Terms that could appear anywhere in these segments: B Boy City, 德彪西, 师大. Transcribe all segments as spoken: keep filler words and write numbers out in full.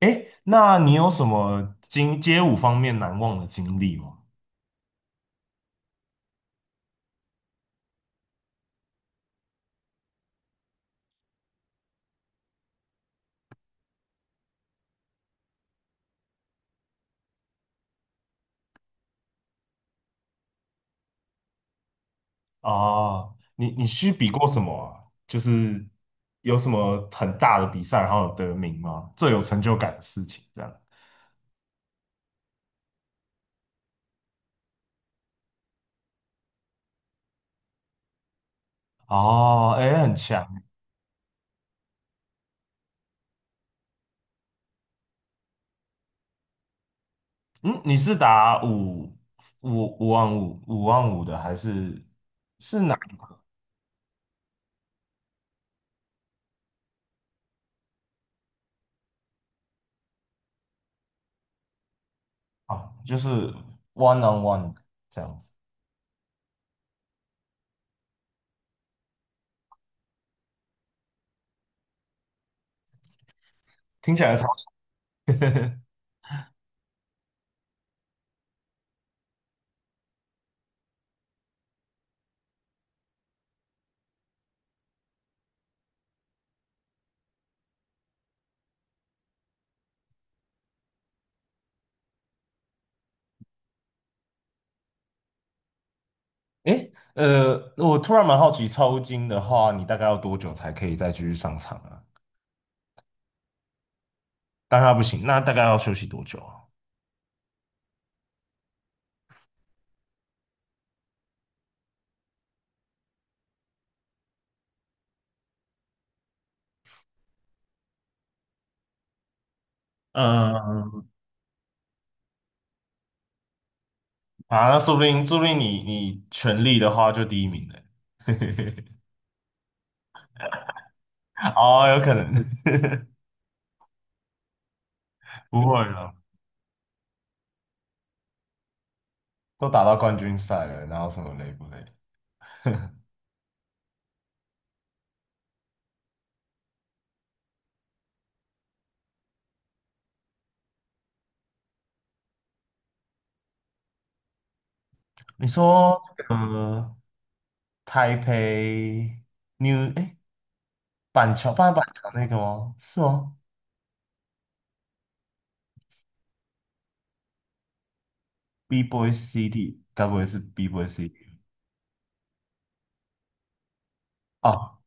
哎，那你有什么经街舞方面难忘的经历吗？啊，你你去比过什么啊？就是有什么很大的比赛，然后有得名吗？最有成就感的事情，这样。哦，哎，很强。嗯，你是打五五五万五五万五的，还是是哪一个啊？就是 one on one 这样子，听起来超。诶，呃，我突然蛮好奇，抽筋的话，你大概要多久才可以再继续上场啊？当然不行，那大概要休息多久啊？嗯，啊，那说不定，说不定你你全力的话就第一名嘞。哦，有可能，不会了，都打到冠军赛了，然后什么累不累？你说，呃，台北 New 哎，板桥，板板桥那个吗？是吗？B Boy City，该不会是 B Boy City？哦，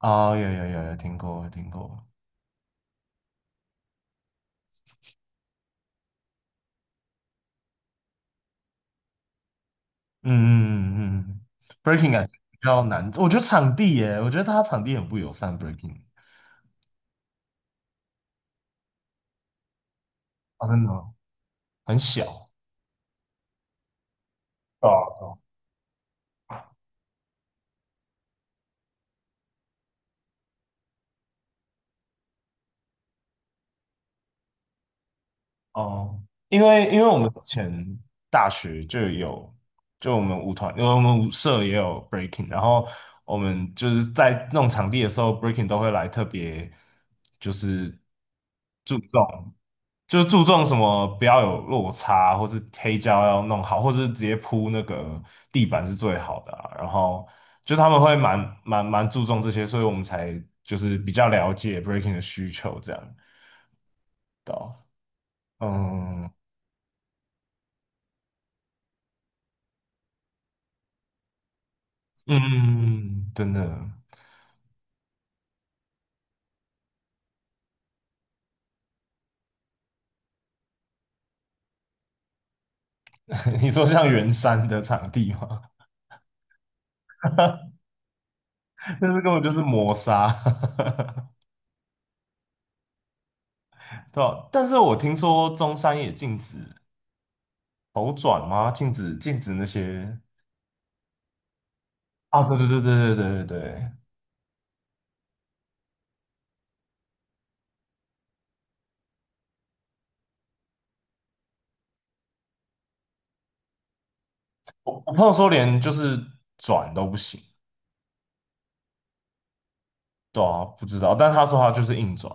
哦，有有有有听过，有听过。嗯嗯嗯嗯嗯，breaking 感觉比较难，我觉得场地耶，我觉得他场地很不友善，breaking 啊，真的吗很小，对啊哦，因为因为我们之前大学就有，就我们舞团，因为我们舞社也有 breaking，然后我们就是在弄场地的时候，breaking 都会来特别就是注重，就是注重什么不要有落差，或是黑胶要弄好，或是直接铺那个地板是最好的啊然后就他们会蛮蛮蛮注重这些，所以我们才就是比较了解 breaking 的需求这样。对啊嗯，嗯，真的，你说像圆山的场地吗？那是根本就是磨砂，对吧？但是我听说中山也禁止头转吗？禁止禁止那些啊，对对对对对对对对，我我朋友说连就是转都不行，对啊，不知道，但他说他就是硬转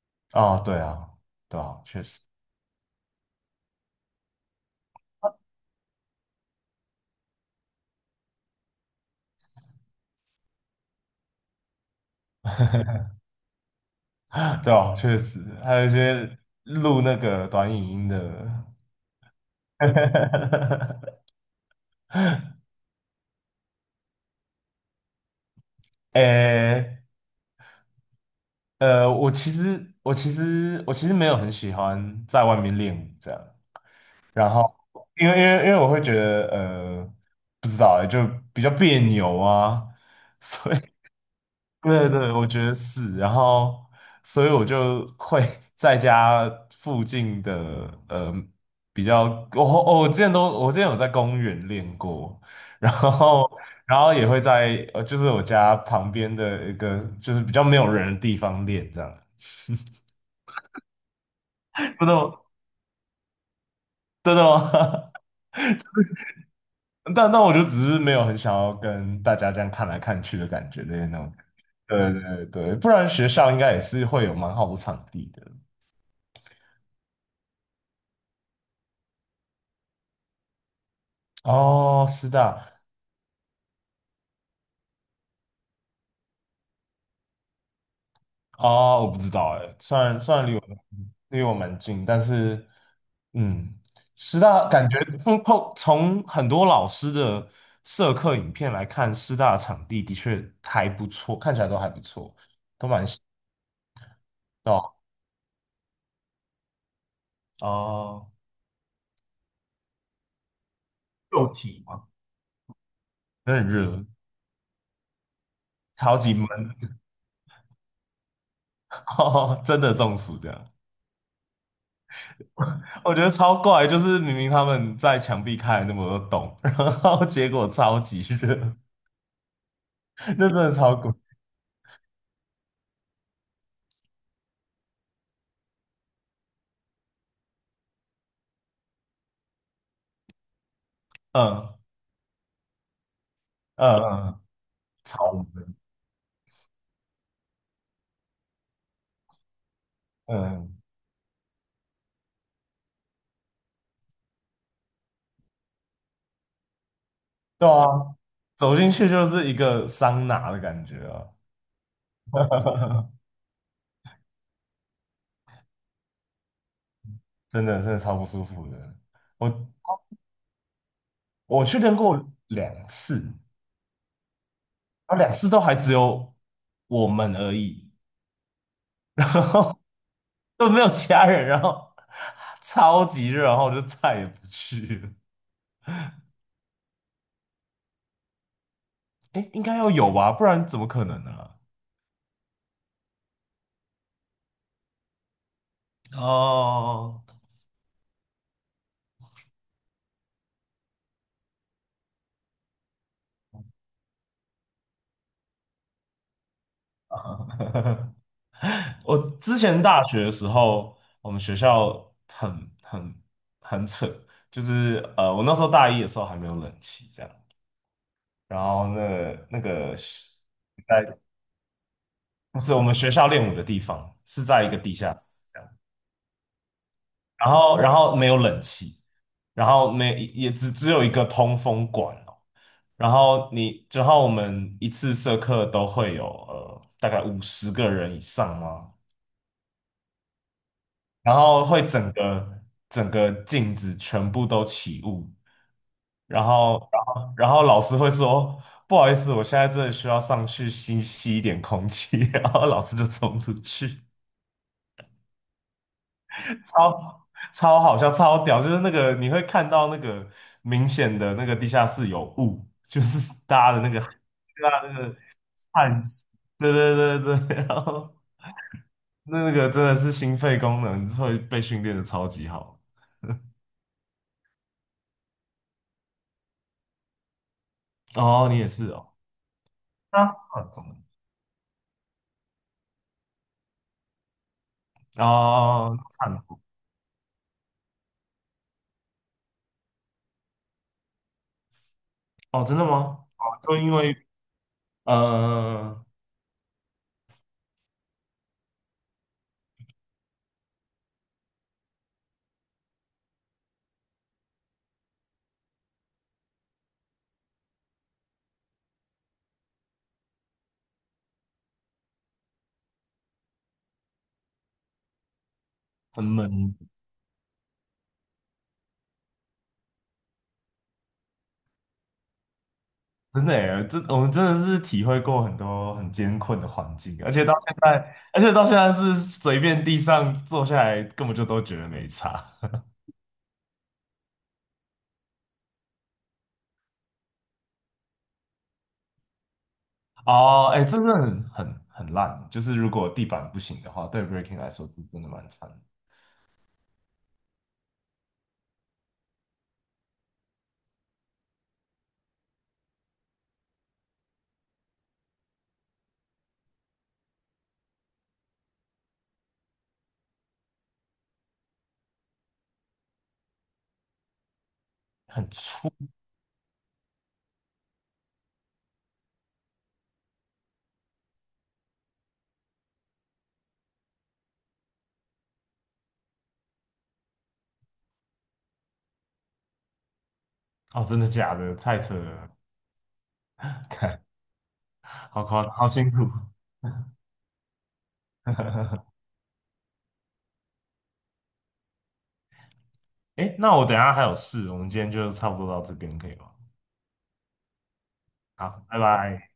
啊，对啊，对啊，确实，对啊，确实，还有一些录那个短影音的。诶，呃，我其实我其实我其实没有很喜欢在外面练舞这样，然后因为因为因为我会觉得呃不知道欸就比较别扭啊，所以 对对，我觉得是，然后所以我就会 在家附近的呃比较，我我我之前都我之前有在公园练过，然后然后也会在呃就是我家旁边的一个就是比较没有人的地方练这样。真都。真的吗？但但我就只是没有很想要跟大家这样看来看去的感觉的那种。对对对，不然学校应该也是会有蛮好的场地的。哦，师大哦，我不知道哎，虽然虽然离我离我蛮近，但是嗯，师大感觉碰碰从很多老师的社课影片来看，师大场地的确还不错，看起来都还不错。哦哦，肉体吗？有点热，超级闷。哦，真的中暑这样，我觉得超怪，就是明明他们在墙壁开了那么多洞，然后结果超级热，那真的超怪，嗯嗯嗯，超冷嗯，对啊，走进去就是一个桑拿的感觉啊，真的真的超不舒服的，我我去练过两次，然后两次都还只有我们而已，都没有其他人，然后超级热，然后我就再也不去了。哎，应该要有吧，不然怎么可能呢、哦，我之前大学的时候，我们学校很很很扯，就是呃，我那时候大一的时候还没有冷气这样，然后那那个是在不是我们学校练舞的地方，是在一个地下室。这样。然后然后没有冷气，然后没也只只有一个通风管哦。然后你，之后我们一次社课都会有呃大概五十个人以上嘛，然后会整个整个镜子全部都起雾，然后然后然后老师会说哦不好意思，我现在真的需要上去吸吸一点空气，然后老师就冲出去。超超好笑，超屌，就是那个你会看到那个明显的那个地下室有雾，就是大家的那个对啊那个汗气，对对对对，然后那个真的是心肺功能会被训练的超级好。哦，你也是哦，啊，怎么？哦，看哦，真的吗？哦，就因为呃很冷真的耶，这我们真的是体会过很多很艰困的环境，而且到现在，而且到现在是随便地上坐下来，根本就都觉得没差。哦，哎，这是很很很烂，就是如果地板不行的话，对 breaking 来说是真的蛮惨的很粗。哦，真的假的？太扯了，看，好夸，好辛苦。哎那我等一下还有事，我们今天就差不多到这边可以吗？好，拜拜。